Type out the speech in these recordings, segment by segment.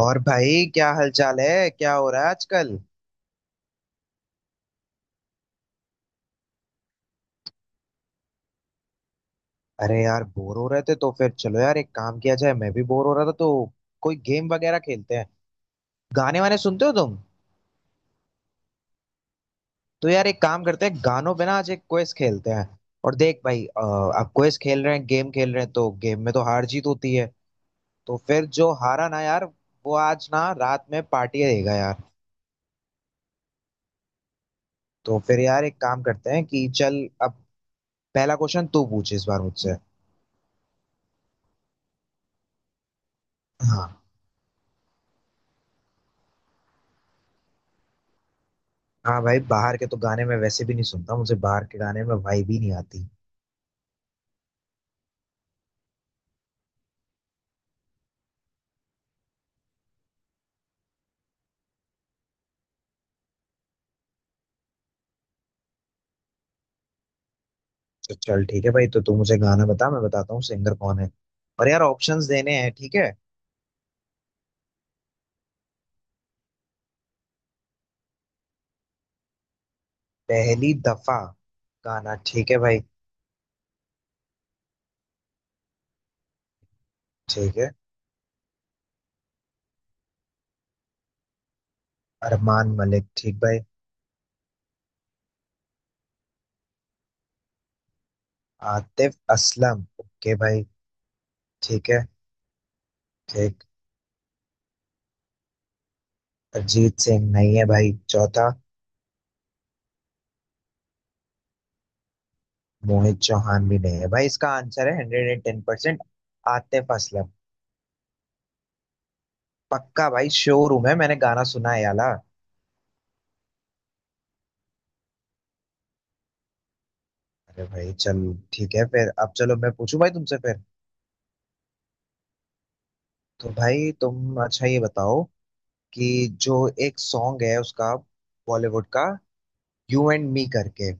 और भाई, क्या हालचाल है? क्या हो रहा है आजकल? अरे यार, बोर हो रहे थे तो फिर चलो यार, एक काम किया जाए। मैं भी बोर हो रहा था, तो कोई गेम वगैरह खेलते हैं। गाने वाने सुनते हो तुम? तो यार एक काम करते हैं, गानों पे ना आज एक क्विज खेलते हैं। और देख भाई, अब क्विज खेल रहे हैं, गेम खेल रहे हैं, तो गेम में तो हार जीत होती है। तो फिर जो हारा ना यार, वो आज ना रात में पार्टी देगा यार। तो फिर यार एक काम करते हैं कि चल अब पहला क्वेश्चन तू पूछ इस बार मुझसे। हाँ हाँ भाई, बाहर के तो गाने मैं वैसे भी नहीं सुनता, मुझे बाहर के गाने में वाइब ही नहीं आती। तो चल ठीक है भाई, तो तू मुझे गाना बता, मैं बताता हूँ सिंगर कौन है। और यार ऑप्शंस देने हैं, ठीक है। पहली दफा गाना, ठीक है भाई। ठीक है। अरमान मलिक, ठीक भाई। आतिफ असलम, ओके भाई। ठीक है। ठीक। अरिजीत सिंह नहीं है भाई, चौथा। मोहित चौहान भी नहीं है भाई, इसका आंसर है 110% आतिफ असलम। पक्का भाई, शोरूम है, मैंने गाना सुना है याला। अरे भाई चल, ठीक है फिर। अब चलो मैं पूछूं भाई तुमसे फिर। तो भाई तुम अच्छा ये बताओ, कि जो एक सॉन्ग है उसका, बॉलीवुड का, यू एंड मी करके,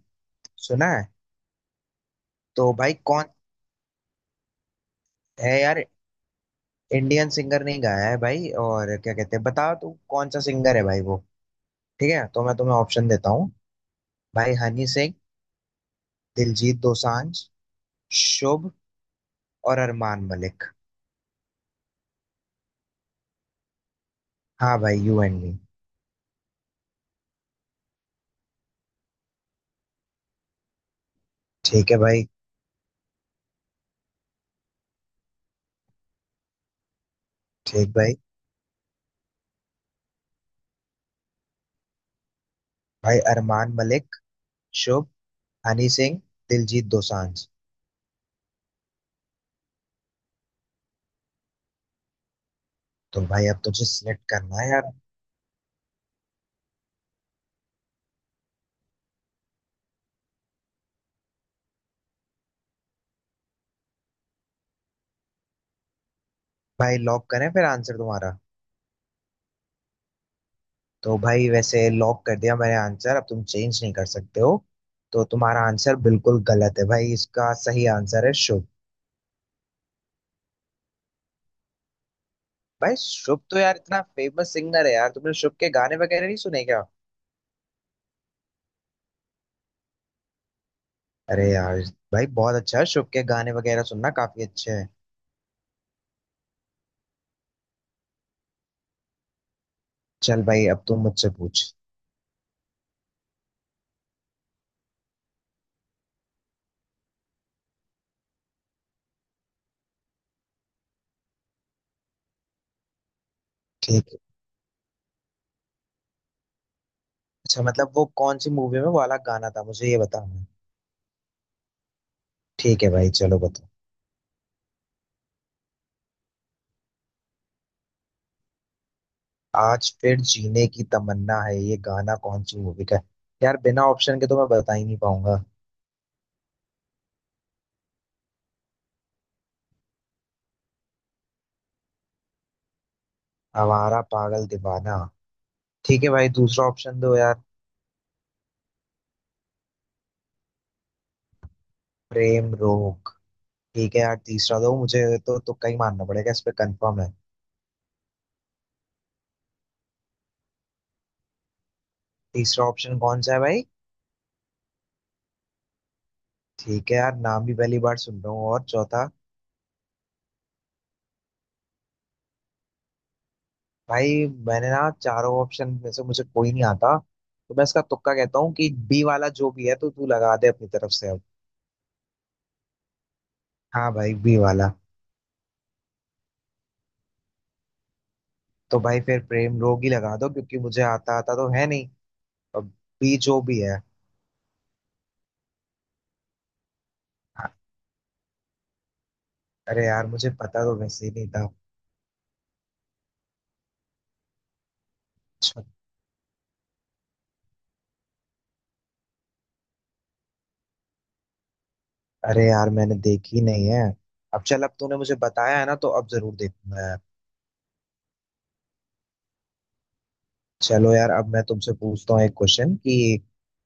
सुना है? तो भाई कौन है यार, इंडियन सिंगर नहीं गाया है भाई, और क्या कहते हैं, बताओ तू कौन सा सिंगर है भाई वो। ठीक है, तो मैं तुम्हें ऑप्शन देता हूँ। भाई हनी सिंह, दिलजीत दोसांझ, शुभ और अरमान मलिक। हाँ भाई, यू एंड मी। ठीक है भाई। ठीक भाई। भाई अरमान मलिक, शुभ, हनी सिंह, दिलजीत दोसांझ। तो भाई अब तुझे सिलेक्ट करना है यार। भाई लॉक करें फिर आंसर तुम्हारा? तो भाई वैसे लॉक कर दिया मैंने आंसर, अब तुम चेंज नहीं कर सकते हो। तो तुम्हारा आंसर बिल्कुल गलत है भाई, इसका सही आंसर है शुभ। भाई शुभ तो यार इतना फेमस सिंगर है यार, तुमने शुभ के गाने वगैरह नहीं सुने क्या? अरे यार। भाई बहुत अच्छा है, शुभ के गाने वगैरह सुनना, काफी अच्छे हैं। चल भाई, अब तुम मुझसे पूछ। ठीक है। अच्छा, मतलब वो कौन सी मूवी में वाला गाना था मुझे ये बताना है। ठीक है भाई, चलो बताओ। आज फिर जीने की तमन्ना है, ये गाना कौन सी मूवी का है? यार बिना ऑप्शन के तो मैं बता ही नहीं पाऊंगा। आवारा पागल दीवाना, ठीक है भाई, दूसरा ऑप्शन दो यार। प्रेम रोग, ठीक है यार, तीसरा दो मुझे। तो तुक्का ही मारना पड़ेगा इस पे कंफर्म है। तीसरा ऑप्शन कौन सा है भाई? ठीक है यार, नाम भी पहली बार सुन रहा हूँ, और चौथा? भाई, मैंने ना चारों ऑप्शन में से मुझे कोई नहीं आता, तो मैं इसका तुक्का कहता हूँ कि बी वाला जो भी है तो तू लगा दे अपनी तरफ से अब। हाँ भाई, बी वाला। तो भाई फिर प्रेम रोग ही लगा दो, क्योंकि मुझे आता आता तो है नहीं अब। भी जो भी है। अरे यार, मुझे पता तो वैसे ही नहीं था। अच्छा। अरे यार, मैंने देखी नहीं है। अब चल, अब तूने मुझे बताया है ना तो अब जरूर देखूंगा यार। चलो यार, अब मैं तुमसे पूछता हूँ एक क्वेश्चन कि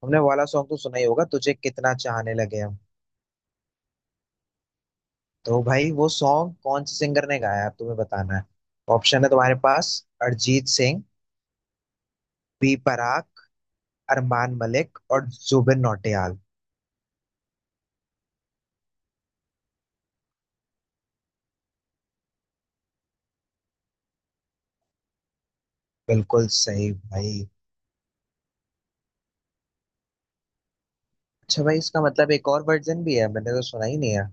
हमने वाला सॉन्ग तो सुना ही होगा, तुझे कितना चाहने लगे हम। तो भाई वो सॉन्ग कौन से सिंगर ने गाया है अब तुम्हें बताना है। ऑप्शन है तुम्हारे पास। अरिजीत सिंह, B Praak, अरमान मलिक और जुबिन नौटियाल। बिल्कुल सही भाई। अच्छा भाई, इसका मतलब एक और वर्जन भी है, मैंने तो सुना ही नहीं है।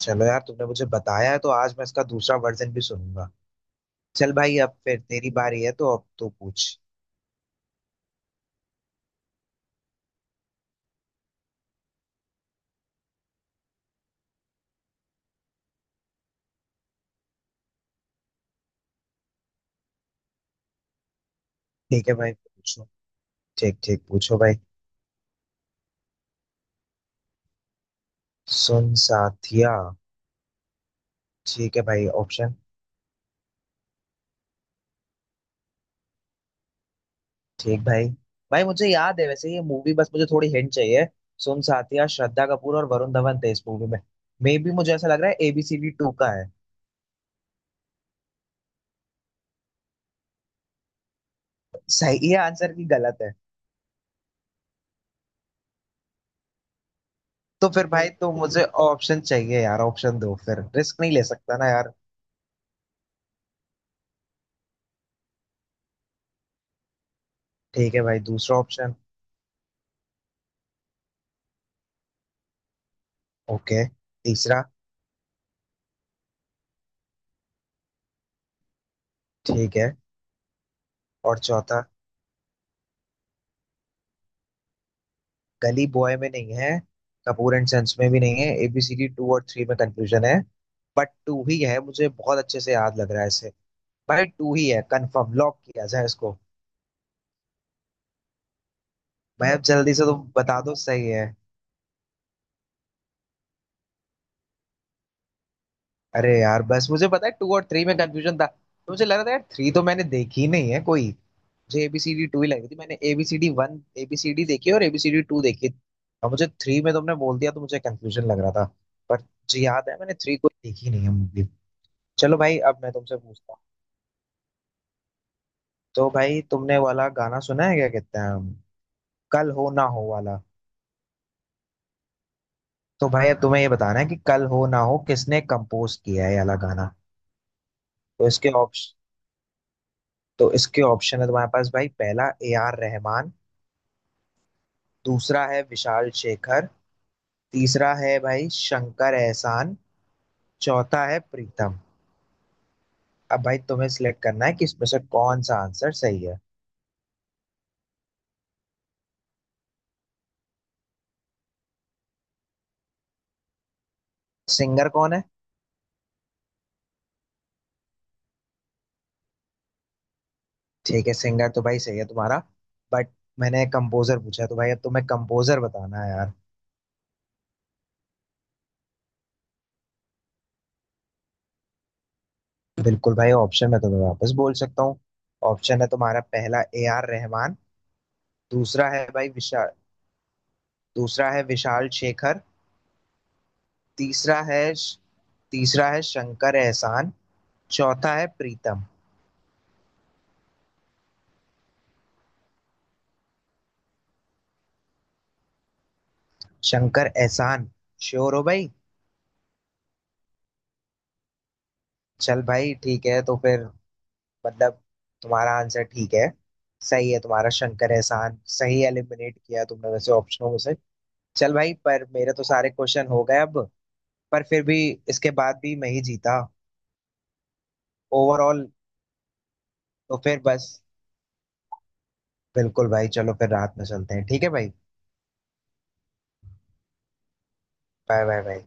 चलो यार, तुमने मुझे बताया है तो आज मैं इसका दूसरा वर्जन भी सुनूंगा। चल भाई, अब फिर तेरी बारी है तो अब तू पूछ। ठीक है भाई, पूछो। ठीक ठीक, पूछो भाई। सुन साथिया। ठीक है भाई, ऑप्शन। ठीक भाई। भाई मुझे याद है वैसे ये मूवी, बस मुझे थोड़ी हिंट चाहिए। सुन साथिया, श्रद्धा कपूर और वरुण धवन थे इस मूवी में। मे भी मुझे ऐसा लग रहा है ABCD 2 का है। सही है, आंसर की गलत है। तो फिर भाई, तो मुझे ऑप्शन चाहिए यार, ऑप्शन दो फिर, रिस्क नहीं ले सकता ना यार। ठीक है भाई, दूसरा ऑप्शन। ओके। तीसरा। ठीक है, और चौथा। गली बॉय में नहीं है, कपूर एंड संस में भी नहीं है, ABCD 2 और 3 में कंफ्यूजन है। बट 2 ही है, मुझे बहुत अच्छे से याद लग रहा है इसे। भाई 2 ही है कंफर्म, लॉक किया जाए इसको। भाई अब जल्दी से तुम बता दो, सही है? अरे यार, बस मुझे पता है 2 और थ्री में कंफ्यूजन था तो मुझे लग रहा था यार, 3 तो मैंने देखी नहीं है कोई, मुझे ABCD 2 ही लग रही थी। मैंने ABCD 1, एबीसीडी देखी है और ABCD 2 देखी। और मुझे 3 में तुमने बोल दिया तो मुझे कंफ्यूजन लग रहा था। पर मुझे याद है मैंने 3 कोई देखी नहीं है मूवी। चलो भाई, अब मैं तुमसे पूछता हूँ। तो भाई तुमने वाला गाना सुना है, क्या कहते हैं, कल हो ना हो वाला? तो भाई अब तुम्हें ये बताना है कि कल हो ना हो किसने कंपोज किया है ये वाला गाना। तो इसके ऑप्शन तो इसके ऑप्शन है तुम्हारे पास भाई। पहला AR Rahman। दूसरा है विशाल शेखर। तीसरा है भाई शंकर एहसान। चौथा है प्रीतम। अब भाई तुम्हें सिलेक्ट करना है कि इसमें से कौन सा आंसर सही है। सिंगर कौन है? ठीक है, सिंगर तो भाई सही है तुम्हारा, बट मैंने कंपोजर पूछा, तो भाई अब तुम्हें कंपोजर बताना है यार। बिल्कुल भाई, ऑप्शन मैं तुम्हें वापस बोल सकता हूँ। ऑप्शन है तुम्हारा पहला AR Rahman। दूसरा है भाई विशाल दूसरा है विशाल शेखर। तीसरा है, तीसरा है शंकर एहसान। चौथा है प्रीतम। शंकर एहसान, श्योर हो भाई? चल भाई ठीक है, तो फिर, मतलब तुम्हारा आंसर ठीक है, सही है तुम्हारा। शंकर एहसान सही एलिमिनेट किया तुमने वैसे ऑप्शनों में से। चल भाई, पर मेरे तो सारे क्वेश्चन हो गए अब। पर फिर भी इसके बाद भी मैं ही जीता ओवरऑल। तो फिर बस, बिल्कुल भाई, चलो फिर रात में चलते हैं, ठीक है भाई। Bye bye bye.